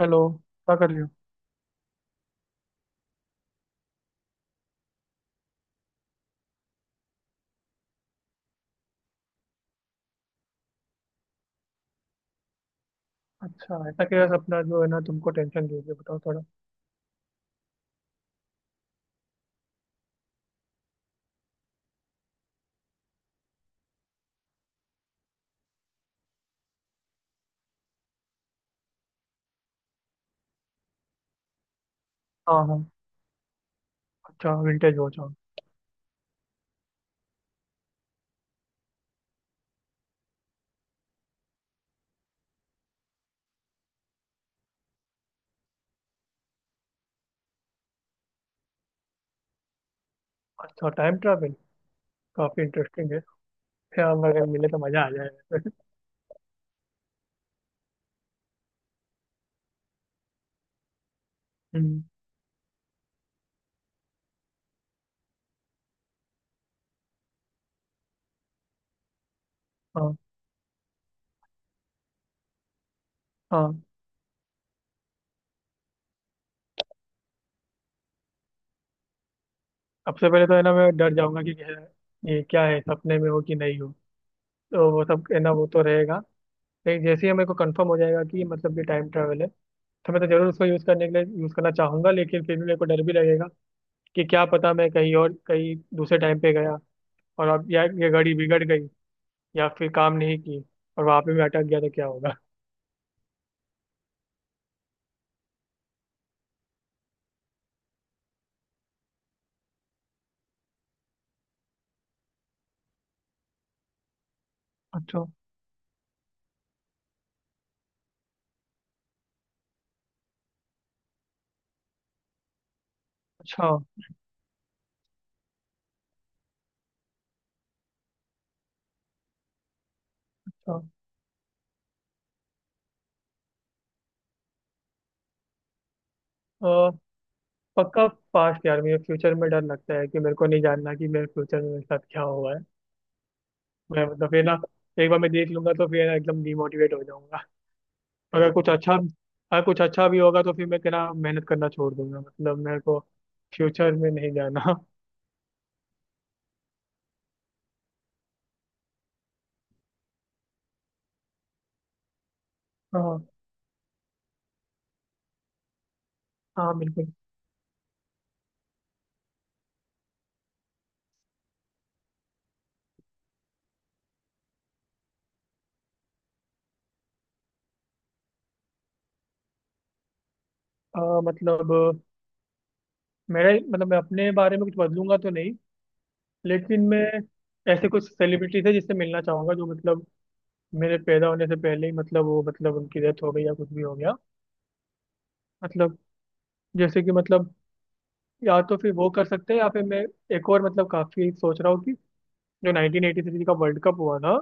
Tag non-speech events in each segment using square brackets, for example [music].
Hello. क्या कर रही हो। अच्छा, ऐसा क्या सपना जो है ना तुमको टेंशन दे रही है बताओ थोड़ा। हाँ, हाँ। अच्छा, विंटेज वॉच। हाँ। अच्छा, टाइम ट्रैवल काफी इंटरेस्टिंग है। यार अगर मिले तो मजा आ जाएगा। [laughs] हम्म। हाँ, हाँ। सबसे पहले तो है ना मैं डर जाऊंगा कि ये क्या है, सपने में हो कि नहीं हो। तो वो सब है ना, वो तो रहेगा। लेकिन जैसे ही मेरे को कंफर्म हो जाएगा कि मतलब ये टाइम ट्रैवल है, तो मैं तो जरूर उसको यूज करने के लिए यूज करना चाहूंगा। लेकिन फिर भी मेरे को डर भी लगेगा कि क्या पता मैं कहीं और कहीं दूसरे टाइम पे गया, और अब यार ये घड़ी बिगड़ गई या फिर काम नहीं की और वहां पे मैं अटक गया तो क्या होगा। अच्छा, अच्छा, अच्छा। अ, पक्का पास। यार, मुझे फ्यूचर में डर लगता है कि मेरे को नहीं जानना कि मेरे फ्यूचर में मेरे साथ क्या हुआ है। मैं मतलब फिर ना, एक बार मैं देख लूंगा तो फिर ना एकदम डिमोटिवेट हो जाऊंगा। अगर कुछ अच्छा भी होगा तो फिर मैं क्या मेहनत करना छोड़ दूंगा। मतलब मेरे को फ्यूचर में नहीं जाना। हाँ, हाँ, बिल्कुल। मतलब मेरा मतलब मैं अपने बारे में कुछ बदलूंगा तो नहीं। लेकिन मैं ऐसे कुछ सेलिब्रिटीज है जिससे मिलना चाहूंगा जो मतलब मेरे पैदा होने से पहले ही, मतलब वो मतलब उनकी डेथ हो गई या कुछ भी हो गया। मतलब जैसे कि मतलब या तो फिर वो कर सकते हैं या फिर मैं एक और, मतलब काफी सोच रहा हूँ कि जो 1983 का वर्ल्ड कप हुआ था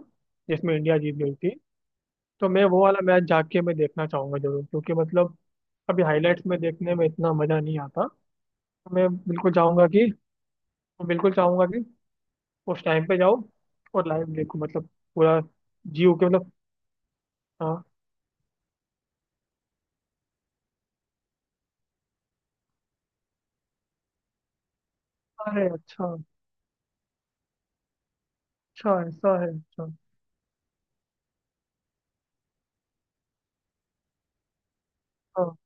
जिसमें इंडिया जीत गई थी। तो मैं वो वाला मैच जाके मैं देखना चाहूंगा जरूर, क्योंकि मतलब अभी हाईलाइट्स में देखने में इतना मजा नहीं आता। तो मैं बिल्कुल चाहूंगा कि उस टाइम पे जाओ और लाइव देखो, मतलब पूरा जीव के मतलब। हाँ। अरे अच्छा। अच्छा ऐसा है। अच्छा। हाँ।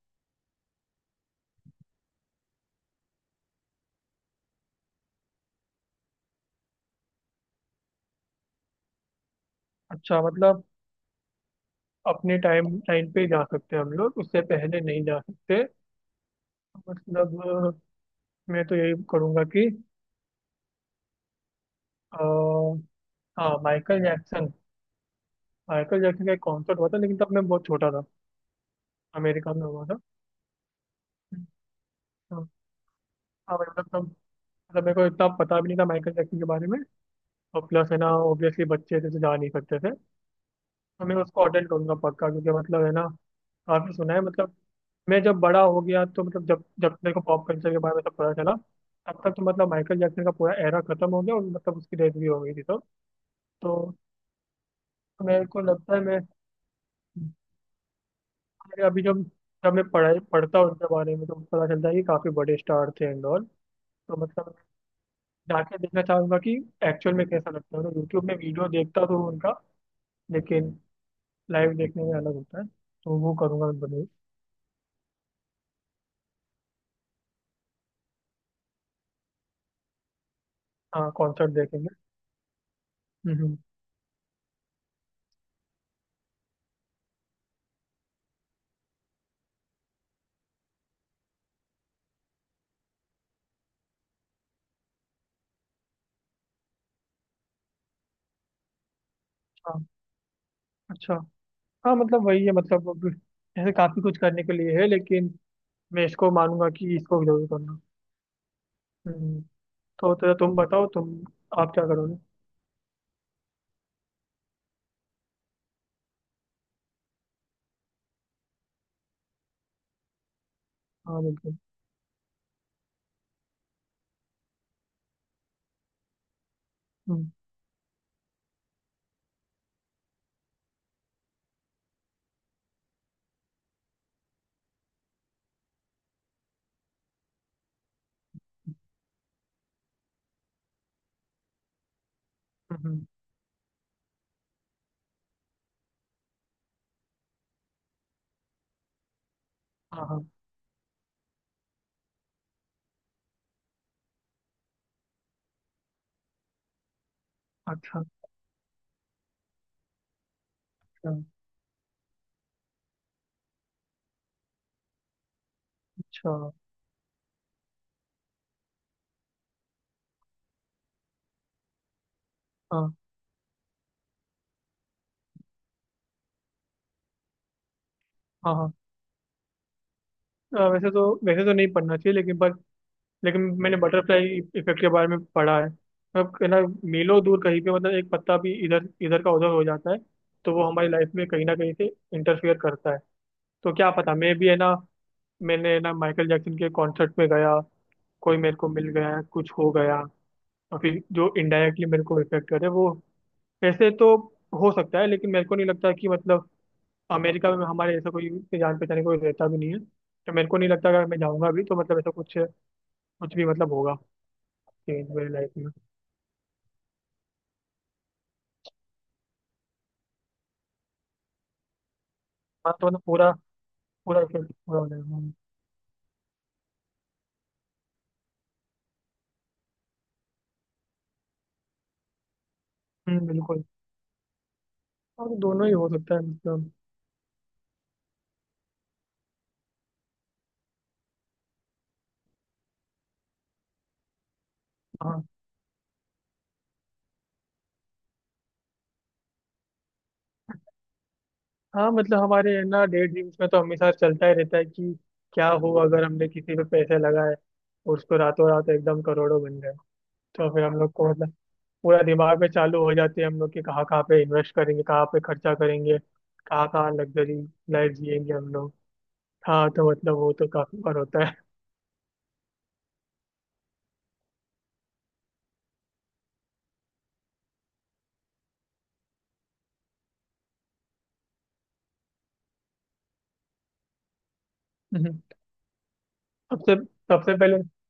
अच्छा मतलब अपने टाइम टाइम पे ही जा सकते हैं हम लोग, उससे पहले नहीं जा सकते। मतलब मैं तो यही करूँगा कि अ, हाँ, माइकल जैक्सन। माइकल जैक्सन का एक कॉन्सर्ट हुआ था, लेकिन तब मैं बहुत छोटा था। अमेरिका में हुआ था। तो हाँ मतलब तब, मतलब मेरे को इतना पता भी नहीं था माइकल जैक्सन के बारे में। और प्लस है ना ऑब्वियसली बच्चे थे तो जा नहीं सकते थे। तो मैं उसको अटेंड करूँगा पक्का, क्योंकि मतलब है ना काफ़ी सुना है मतलब। मैं जब बड़ा हो गया तो मतलब जब जब मेरे को पॉप कल्चर के बारे में सब पता चला, तब तक तो मतलब माइकल जैक्सन का पूरा एरा खत्म हो गया, और मतलब उसकी डेथ भी हो गई थी तब। तो मेरे को लगता है मैं, मेरे अभी जब जब मैं पढ़ाई पढ़ता हूँ उनके बारे में, तो मुझे पता चलता है कि काफ़ी बड़े स्टार थे एंड ऑल। तो मतलब जाके देखना चाहूंगा कि एक्चुअल में कैसा लगता है। तो यूट्यूब में वीडियो देखता तो हूँ उनका, लेकिन लाइव देखने में अलग होता है, तो वो करूँगा बने। हाँ, कॉन्सर्ट देखेंगे। हम्म, हम्म। हाँ। अच्छा। हाँ मतलब वही है मतलब अब ऐसे काफी कुछ करने के लिए है, लेकिन मैं इसको मानूंगा कि इसको जरूर करना। हम्म। तो तुम बताओ, तुम आप क्या करोगे। हाँ, बिल्कुल। हम्म, हम्म। हाँ, हाँ। अच्छा, अच्छा, अच्छा। हाँ, हाँ, हाँ। वैसे तो नहीं पढ़ना चाहिए लेकिन, पर लेकिन मैंने बटरफ्लाई इफेक्ट के बारे में पढ़ा है, मतलब है ना मीलों दूर कहीं पे, मतलब एक पत्ता भी इधर इधर का उधर हो जाता है, तो वो हमारी लाइफ में कहीं ना कहीं से इंटरफियर करता है। तो क्या पता मैं भी है ना, मैंने ना माइकल जैक्सन के कॉन्सर्ट में गया, कोई मेरे को मिल गया, कुछ हो गया, और फिर जो इनडायरेक्टली मेरे को इफेक्ट करे वो ऐसे तो हो सकता है। लेकिन मेरे को नहीं लगता कि मतलब अमेरिका में हमारे ऐसा कोई इतने जान पहचाने कोई रहता भी नहीं है। तो मेरे को नहीं लगता, अगर मैं जाऊंगा भी तो मतलब ऐसा कुछ कुछ भी मतलब होगा चेंज मेरी लाइफ में। हाँ तो मतलब पूरा, पूरा इफेक्ट पूरा हो जाएगा। हम्म, बिल्कुल। और दोनों ही हो सकता है मतलब। हाँ, हाँ मतलब हमारे है ना डे ड्रीम्स में तो हमेशा चलता ही रहता है कि क्या हो अगर हमने किसी पे पैसे लगाए और उसको रातों रात एकदम करोड़ों बन गए। तो फिर हम लोग को मतलब पूरा दिमाग में चालू हो जाती है हम लोग कि कहाँ कहाँ पे इन्वेस्ट करेंगे, कहाँ पे खर्चा करेंगे, कहाँ कहाँ लग्जरी लाइफ जिएंगे हम लोग। हाँ तो मतलब वो तो काफी बार होता है। हम्म। सबसे सबसे पहले [laughs]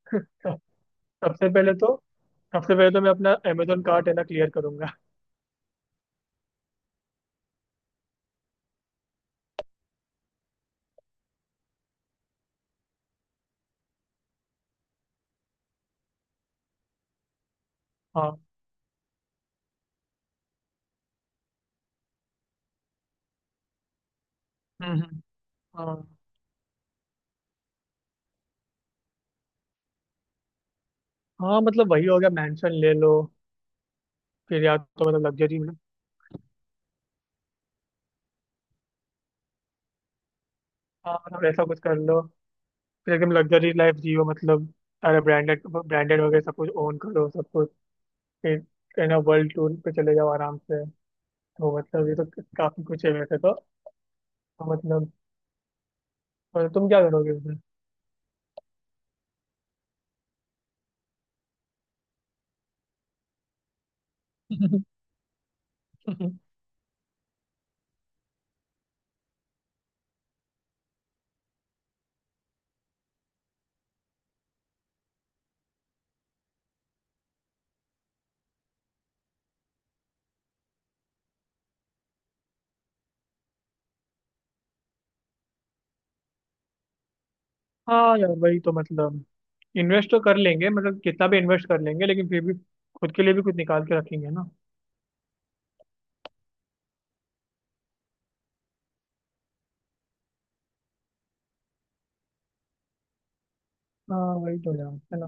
सबसे पहले तो सबसे पहले तो मैं अपना अमेजोन कार्ट है ना क्लियर करूंगा। हाँ। हम्म। हाँ, हाँ मतलब वही हो गया, मेंशन ले लो। फिर या तो मतलब लग्जरी में। हाँ मतलब ऐसा कुछ कर लो, फिर एकदम लग्जरी लाइफ जियो, मतलब सारे ब्रांडेड ब्रांडेड वगैरह सब कुछ ओन करो, सब कुछ। फिर है ना वर्ल्ड टूर पे चले जाओ आराम से। तो मतलब ये तो काफी कुछ है वैसे तो। तो मतलब। और तुम क्या करोगे उसमें? [laughs] हाँ यार वही तो मतलब, इन्वेस्ट तो कर लेंगे मतलब कितना भी इन्वेस्ट कर लेंगे, लेकिन फिर भी खुद के लिए भी कुछ निकाल के रखेंगे ना। हाँ वही तो यार है ना।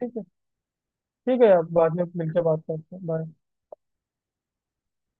ठीक है। ठीक है यार, बाद में मिलकर बात करते हैं। बाय।